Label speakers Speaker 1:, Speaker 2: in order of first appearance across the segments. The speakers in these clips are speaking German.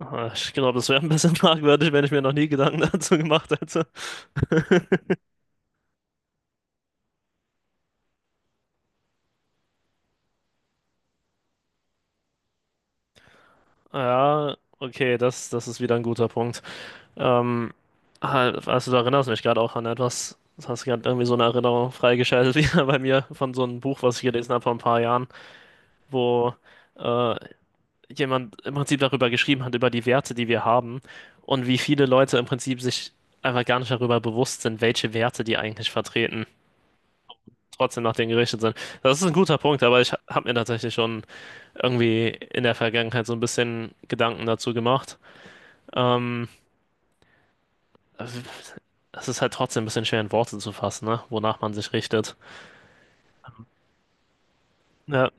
Speaker 1: Ich glaube, das wäre ein bisschen fragwürdig, wenn ich mir noch nie Gedanken dazu gemacht hätte. Ja, okay, das ist wieder ein guter Punkt. Ähm, halt, also du erinnerst mich gerade auch an etwas. Du hast gerade irgendwie so eine Erinnerung freigeschaltet, wieder bei mir, von so einem Buch, was ich gelesen habe vor ein paar Jahren, wo äh, jemand im Prinzip darüber geschrieben hat, über die Werte, die wir haben, und wie viele Leute im Prinzip sich einfach gar nicht darüber bewusst sind, welche Werte die eigentlich vertreten, trotzdem nach denen gerichtet sind. Das ist ein guter Punkt, aber ich habe mir tatsächlich schon irgendwie in der Vergangenheit so ein bisschen Gedanken dazu gemacht. Ähm, es ist halt trotzdem ein bisschen schwer in Worte zu fassen, ne? Wonach man sich richtet. Ja,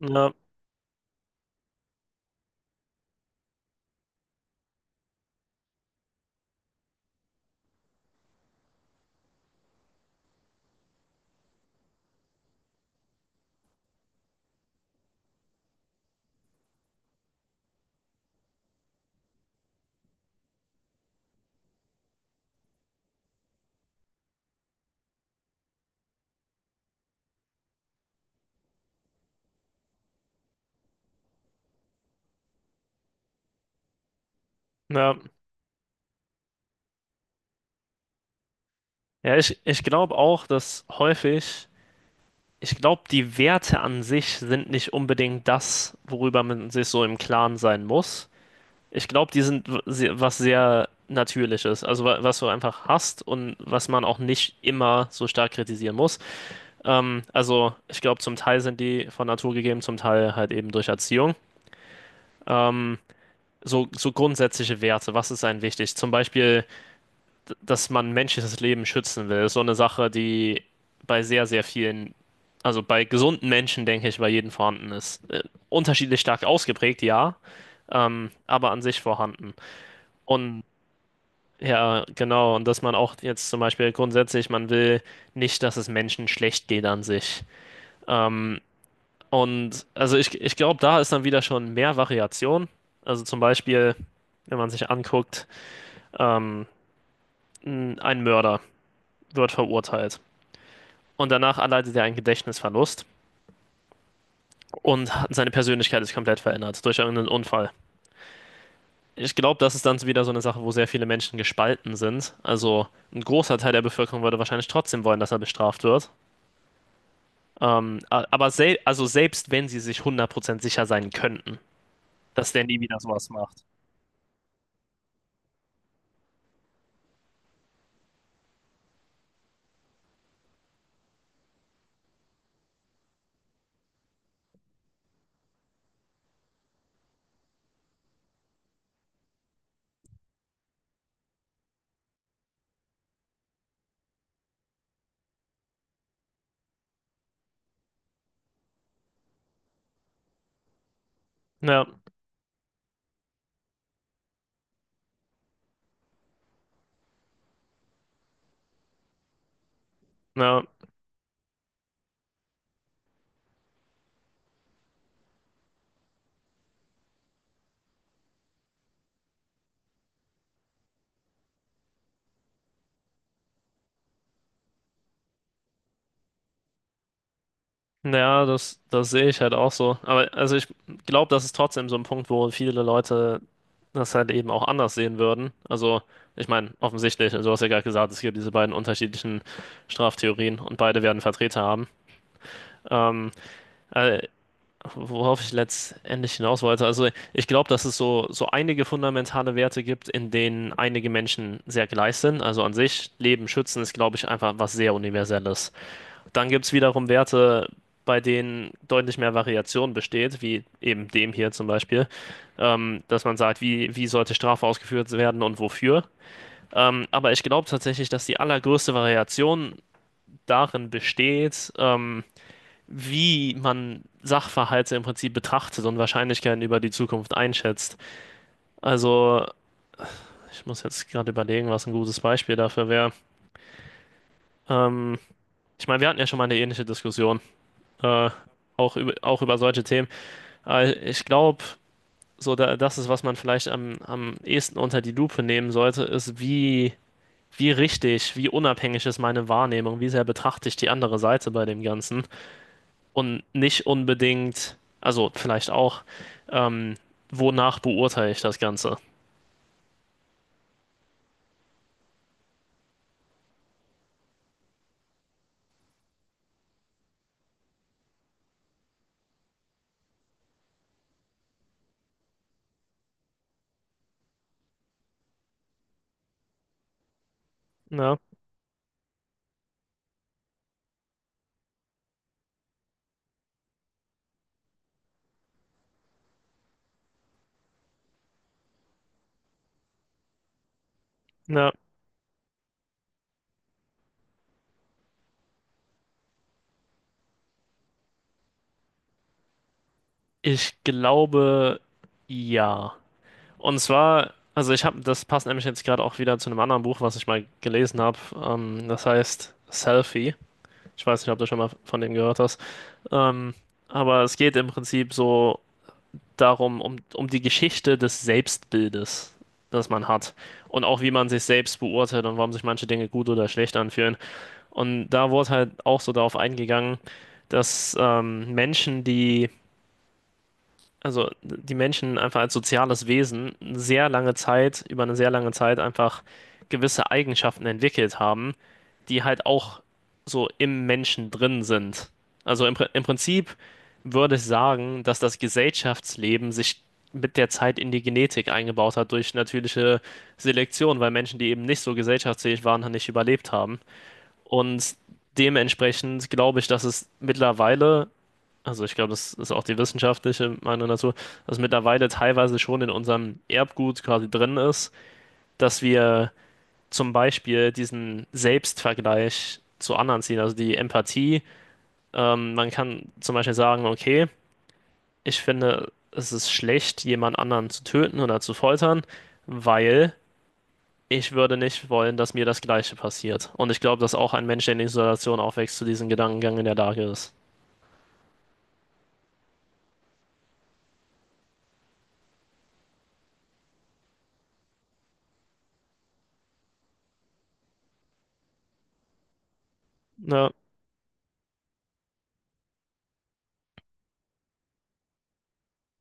Speaker 1: ja, ja. Ja, ich glaube auch, dass häufig, ich glaube, die Werte an sich sind nicht unbedingt das, worüber man sich so im Klaren sein muss. Ich glaube, die sind was sehr Natürliches, also was du einfach hast und was man auch nicht immer so stark kritisieren muss. Also ich glaube, zum Teil sind die von Natur gegeben, zum Teil halt eben durch Erziehung. Hm, So, so grundsätzliche Werte, was ist einem wichtig? Zum Beispiel, dass man menschliches Leben schützen will, ist so eine Sache, die bei sehr, sehr vielen, also bei gesunden Menschen, denke ich, bei jedem vorhanden ist. Unterschiedlich stark ausgeprägt, ja, aber an sich vorhanden. Und ja, genau. Und dass man auch jetzt zum Beispiel grundsätzlich, man will nicht, dass es Menschen schlecht geht an sich. Ähm, und also ich glaube, da ist dann wieder schon mehr Variation. Also zum Beispiel, wenn man sich anguckt, ähm, ein Mörder wird verurteilt. Und danach erleidet er einen Gedächtnisverlust und seine Persönlichkeit ist komplett verändert durch irgendeinen Unfall. Ich glaube, das ist dann so wieder so eine Sache, wo sehr viele Menschen gespalten sind. Also ein großer Teil der Bevölkerung würde wahrscheinlich trotzdem wollen, dass er bestraft wird. Aber selbst wenn sie sich 100% sicher sein könnten, dass der nie wieder sowas macht. Ja, ja, ja, das sehe ich halt auch so. Aber also ich glaube, das ist trotzdem so ein Punkt, wo viele Leute das halt eben auch anders sehen würden. Also ich meine, offensichtlich, also du hast ja gerade gesagt, es gibt diese beiden unterschiedlichen Straftheorien und beide werden Vertreter haben. Ähm, äh, worauf ich letztendlich hinaus wollte. Also ich glaube, dass es so, so einige fundamentale Werte gibt, in denen einige Menschen sehr gleich sind. Also an sich, Leben schützen ist, glaube ich, einfach was sehr Universelles. Dann gibt es wiederum Werte, bei denen deutlich mehr Variation besteht, wie eben dem hier zum Beispiel, dass man sagt, wie, wie sollte Strafe ausgeführt werden und wofür. Aber ich glaube tatsächlich, dass die allergrößte Variation darin besteht, wie man Sachverhalte im Prinzip betrachtet und Wahrscheinlichkeiten über die Zukunft einschätzt. Also, ich muss jetzt gerade überlegen, was ein gutes Beispiel dafür wäre. Ähm, ich meine, wir hatten ja schon mal eine ähnliche Diskussion, äh, auch über solche Themen. Ich glaube, das ist, was man vielleicht am, am ehesten unter die Lupe nehmen sollte, ist, wie, wie richtig, wie unabhängig ist meine Wahrnehmung, wie sehr betrachte ich die andere Seite bei dem Ganzen. Und nicht unbedingt, also vielleicht auch, ähm, wonach beurteile ich das Ganze? Ja, ja. Ich glaube, ja. Und zwar, also ich habe, das passt nämlich jetzt gerade auch wieder zu einem anderen Buch, was ich mal gelesen habe. Das heißt Selfie. Ich weiß nicht, ob du schon mal von dem gehört hast. Ähm, aber es geht im Prinzip so darum, um die Geschichte des Selbstbildes, das man hat. Und auch wie man sich selbst beurteilt und warum sich manche Dinge gut oder schlecht anfühlen. Und da wurde halt auch so darauf eingegangen, dass Menschen, die, also die Menschen einfach als soziales Wesen sehr lange Zeit, über eine sehr lange Zeit einfach gewisse Eigenschaften entwickelt haben, die halt auch so im Menschen drin sind. Also im Prinzip würde ich sagen, dass das Gesellschaftsleben sich mit der Zeit in die Genetik eingebaut hat durch natürliche Selektion, weil Menschen, die eben nicht so gesellschaftsfähig waren, halt nicht überlebt haben. Und dementsprechend glaube ich, dass es mittlerweile, also ich glaube, das ist auch die wissenschaftliche Meinung dazu, dass mittlerweile teilweise schon in unserem Erbgut quasi drin ist, dass wir zum Beispiel diesen Selbstvergleich zu anderen ziehen, also die Empathie. Man kann zum Beispiel sagen, okay, ich finde, es ist schlecht, jemand anderen zu töten oder zu foltern, weil ich würde nicht wollen, dass mir das Gleiche passiert. Und ich glaube, dass auch ein Mensch, der in Isolation aufwächst, zu diesem Gedankengang in der Lage ist. Ja,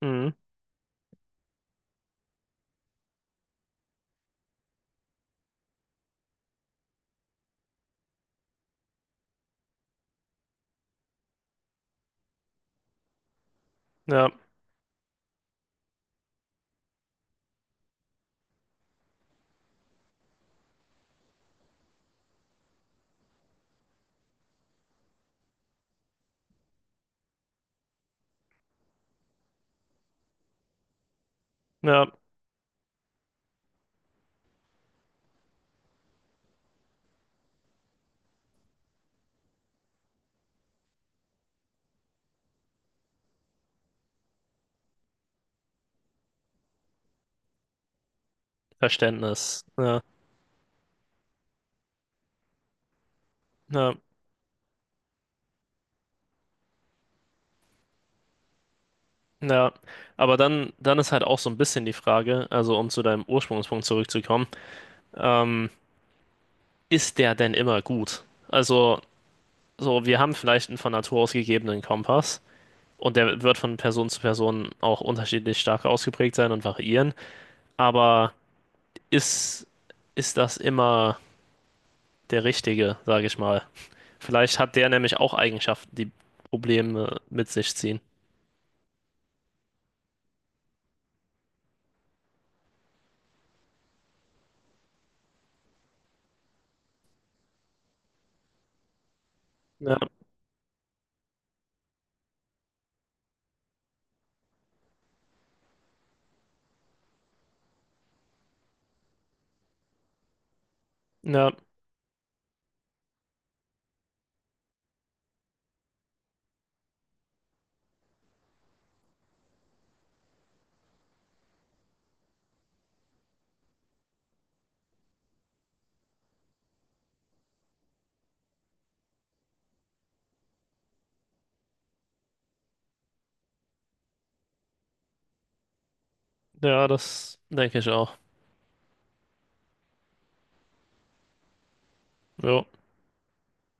Speaker 1: mhm. Ja, ja, Verständnis. Ja, ja, ja. Aber dann ist halt auch so ein bisschen die Frage, also um zu deinem Ursprungspunkt zurückzukommen, ähm, ist der denn immer gut? Also, so, wir haben vielleicht einen von Natur aus gegebenen Kompass. Und der wird von Person zu Person auch unterschiedlich stark ausgeprägt sein und variieren. Aber ist, ist das immer der Richtige, sage ich mal. Vielleicht hat der nämlich auch Eigenschaften, die Probleme mit sich ziehen. Ja, ja, ja, das denke ich auch. Jo.